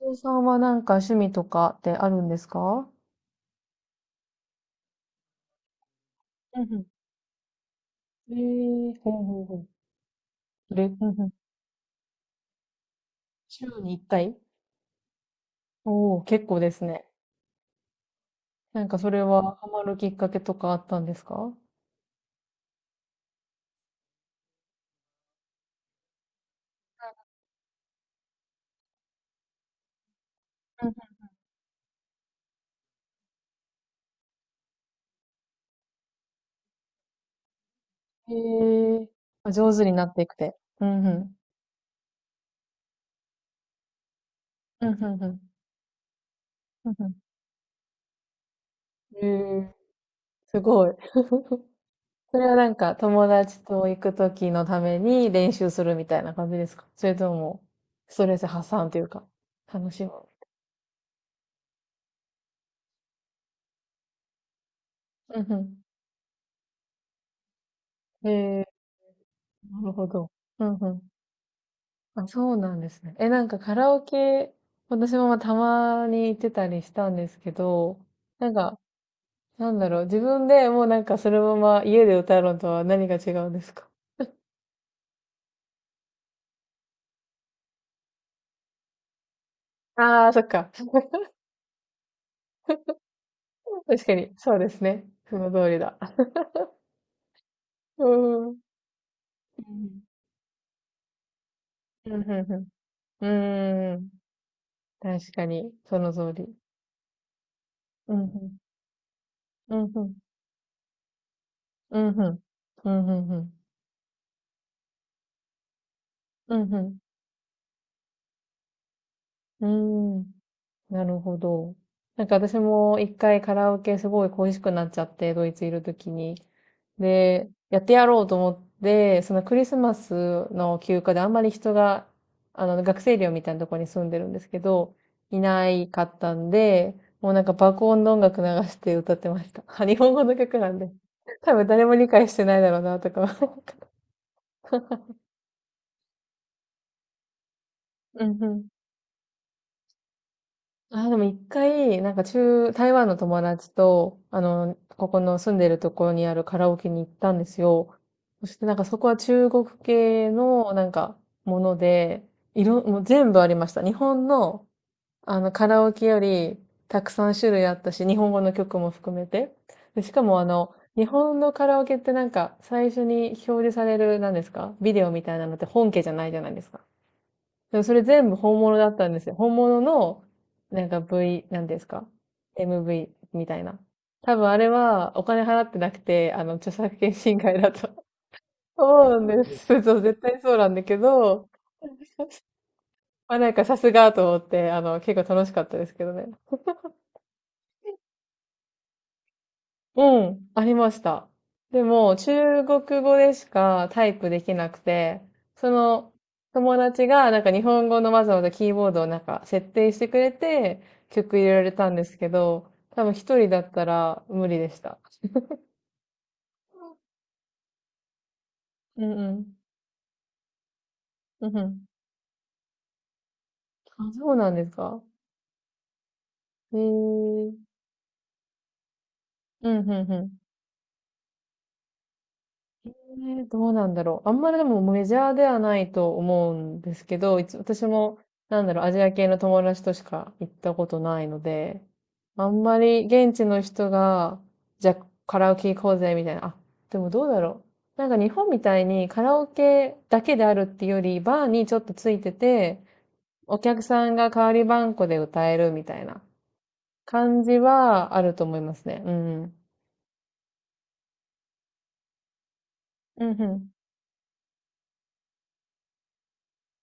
お父さんはなんか趣味とかってあるんですか？うんうん。ほうほうほう。それ、うんうん。週に1回。おおー、結構ですね。なんかそれはハマるきっかけとかあったんですか？うんうん。へえー、あ、上手になっていくて。うんうん。うんうんうん。うんうん。すごい。それはなんか友達と行くときのために練習するみたいな感じですか？それとも、ストレス発散というか、楽しむ。うんうん。えなるほど。うんうん。あ、そうなんですね。なんかカラオケ、私もまあたまに行ってたりしたんですけど、なんか、なんだろう、自分でもうなんかそのまま家で歌うのとは何が違うんですか？ああー、そっか。確かに、そうですね。その通りだ。うん。うんうんうん。うん。確かに、その通り。うんうん。うんうん。うんうん。うんうんうん。うんうん。うん。なるほど。なんか私も一回カラオケすごい恋しくなっちゃって、ドイツいるときに。で、やってやろうと思って、そのクリスマスの休暇であんまり人が、あの、学生寮みたいなところに住んでるんですけど、いないかったんで、もうなんか爆音の音楽流して歌ってました。日本語の曲なんで。多分誰も理解してないだろうな、とか。うんうん。あ、でも一回、なんか台湾の友達と、あの、ここの住んでるところにあるカラオケに行ったんですよ。そしてなんかそこは中国系のなんかもので、もう全部ありました。日本のあのカラオケよりたくさん種類あったし、日本語の曲も含めて。で、しかもあの、日本のカラオケってなんか最初に表示される、なんですかビデオみたいなのって本家じゃないじゃないですか。でもそれ全部本物だったんですよ。本物の、なんか なんですか？ MV みたいな。多分あれはお金払ってなくて、あの、著作権侵害だと。 そうなんです。そう、絶対そうなんだけど、まあなんかさすがと思って、あの、結構楽しかったですけどね。うん、ありました。でも、中国語でしかタイプできなくて、その友達がなんか日本語のわざわざキーボードをなんか設定してくれて曲入れられたんですけど、多分一人だったら無理でした。うんうん。うんうん。あ、そうなんですか？へえ。うんうんうん。ね、どうなんだろう。あんまりでもメジャーではないと思うんですけど、私も、なんだろう、アジア系の友達としか行ったことないので、あんまり現地の人が、じゃあカラオケ行こうぜみたいな。あ、でもどうだろう。なんか日本みたいにカラオケだけであるっていうより、バーにちょっとついてて、お客さんが代わりばんこで歌えるみたいな感じはあると思いますね。うんうん。うん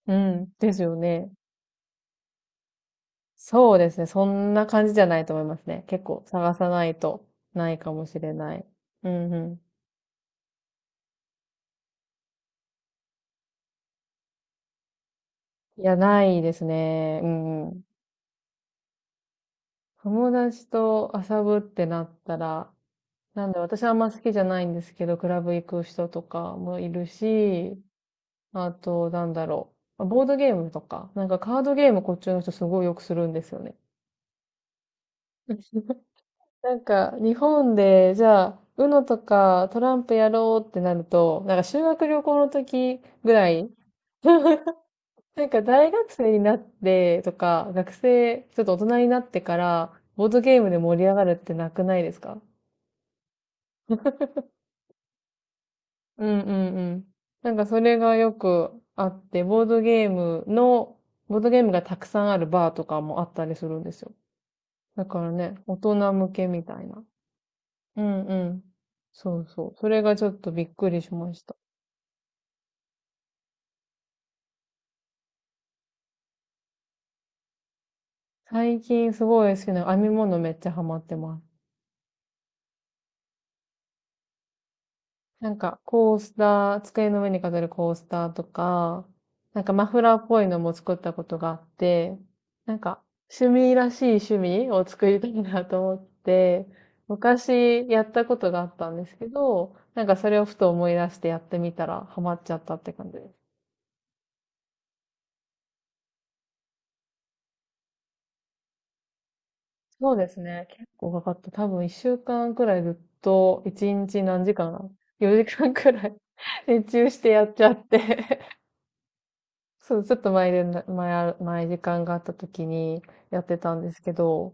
うん。うん。ですよね。そうですね。そんな感じじゃないと思いますね。結構探さないとないかもしれない。うんうん。いや、ないですね。うんうん。友達と遊ぶってなったら、なんで私はあんま好きじゃないんですけど、クラブ行く人とかもいるし、あと、なんだろう。ボードゲームとか、なんかカードゲームこっちの人すごいよくするんですよね。なんか、日本で、じゃあ、UNO とかトランプやろうってなると、なんか修学旅行の時ぐらい。なんか大学生になってとか、学生、ちょっと大人になってから、ボードゲームで盛り上がるってなくないですか？うんうんうん。なんかそれがよくあって、ボードゲームがたくさんあるバーとかもあったりするんですよ。だからね、大人向けみたいな。うんうん。そうそう。それがちょっとびっくりしました。最近すごい好きな編み物めっちゃハマってます。なんか、コースター、机の上に飾るコースターとか、なんかマフラーっぽいのも作ったことがあって、なんか、趣味らしい趣味を作りたいなと思って、昔やったことがあったんですけど、なんかそれをふと思い出してやってみたらハマっちゃったって感じです。そうですね。結構かかった。多分一週間くらいずっと、一日何時間？ 4 時間くらい 熱中してやっちゃって、そう、ちょっと前でな、前あ前時間があった時にやってたんですけど、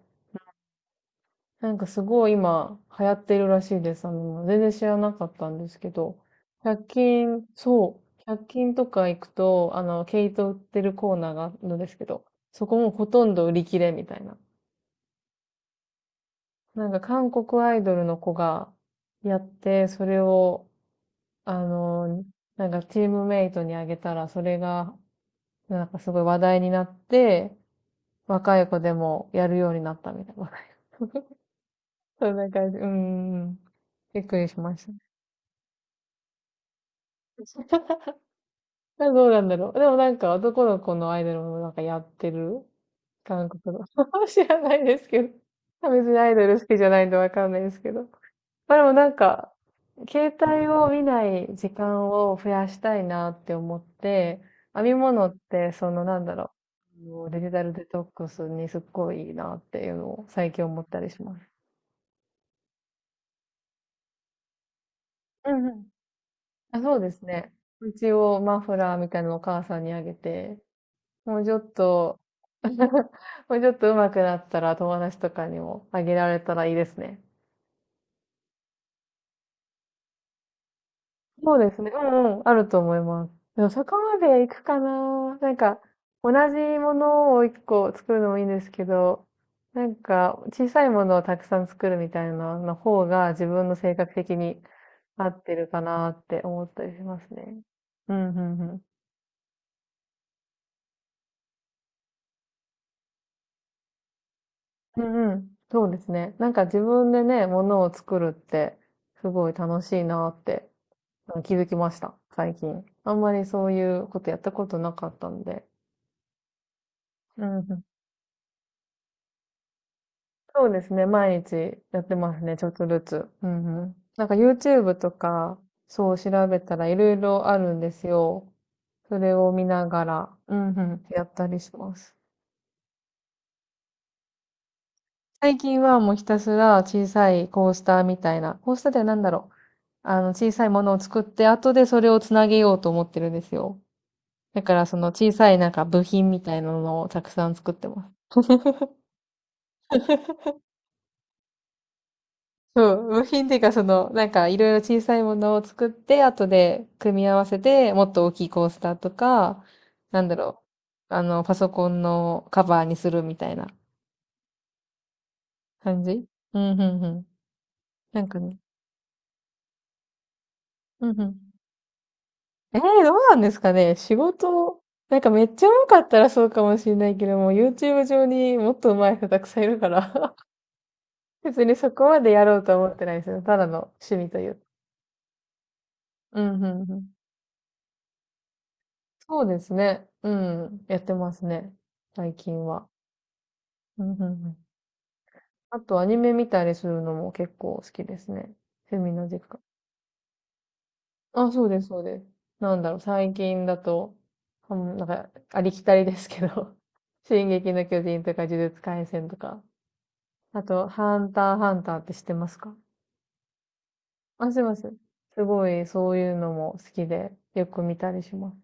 なんかすごい今流行ってるらしいです。あの、全然知らなかったんですけど、100均、そう、1均とか行くと、あの、毛糸売ってるコーナーがあるんですけど、そこもほとんど売り切れみたいな。なんか韓国アイドルの子がやって、それを、あの、なんかチームメイトにあげたら、それが、なんかすごい話題になって、若い子でもやるようになったみたいな。若い子 そんな感じ。うんうんん。びっくりしました。あ、どうなんだろう。でもなんか男の子のアイドルもなんかやってる、韓国の。知らないですけど。別にアイドル好きじゃないんでわかんないですけど。まあでもなんか、携帯を見ない時間を増やしたいなって思って、編み物ってそのなんだろう、あのデジタルデトックスにすっごいいいなっていうのを最近思ったりします。うんうん。あ、そうですね。一応マフラーみたいなのをお母さんにあげて、もうちょっと もうちょっと上手くなったら友達とかにもあげられたらいいですね。そうですね。うんうん。あると思います。でもそこまで行くかな。なんか、同じものを一個作るのもいいんですけど、なんか、小さいものをたくさん作るみたいなの方が自分の性格的に合ってるかなって思ったりしますね。うん、うん、うん。うんうん。そうですね。なんか自分でね、ものを作るって、すごい楽しいなって、うん、気づきました。最近。あんまりそういうことやったことなかったんで。うんうん。そうですね。毎日やってますね。ちょっとずつ。うんうん。なんか YouTube とか、そう調べたらいろいろあるんですよ。それを見ながら、うんうん。やったりします。最近はもうひたすら小さいコースターみたいな、コースターでは何だろう。あの、小さいものを作って、後でそれをつなげようと思ってるんですよ。だからその小さいなんか部品みたいなのをたくさん作ってます。そう、部品っていうかその、なんかいろいろ小さいものを作って、後で組み合わせて、もっと大きいコースターとか、なんだろう、あの、パソコンのカバーにするみたいな感じ。うん、うん、うん。なんかね。うん、うん。どうなんですかね。仕事、なんかめっちゃ上手かったらそうかもしれないけども、YouTube 上にもっと上手い人たくさんいるから、 別にそこまでやろうとは思ってないですよ。ただの趣味という。うん、うん、うん。そうですね。うん。やってますね。最近は。うん、うん、うん。あとアニメ見たりするのも結構好きですね。趣味の時間。あ、そうです、そうです。なんだろう、最近だと、うん、まなんか、ありきたりですけど、進撃の巨人とか呪術廻戦とか、あと、ハンターハンターって知ってますか？あ、すいません。すごい、そういうのも好きで、よく見たりします。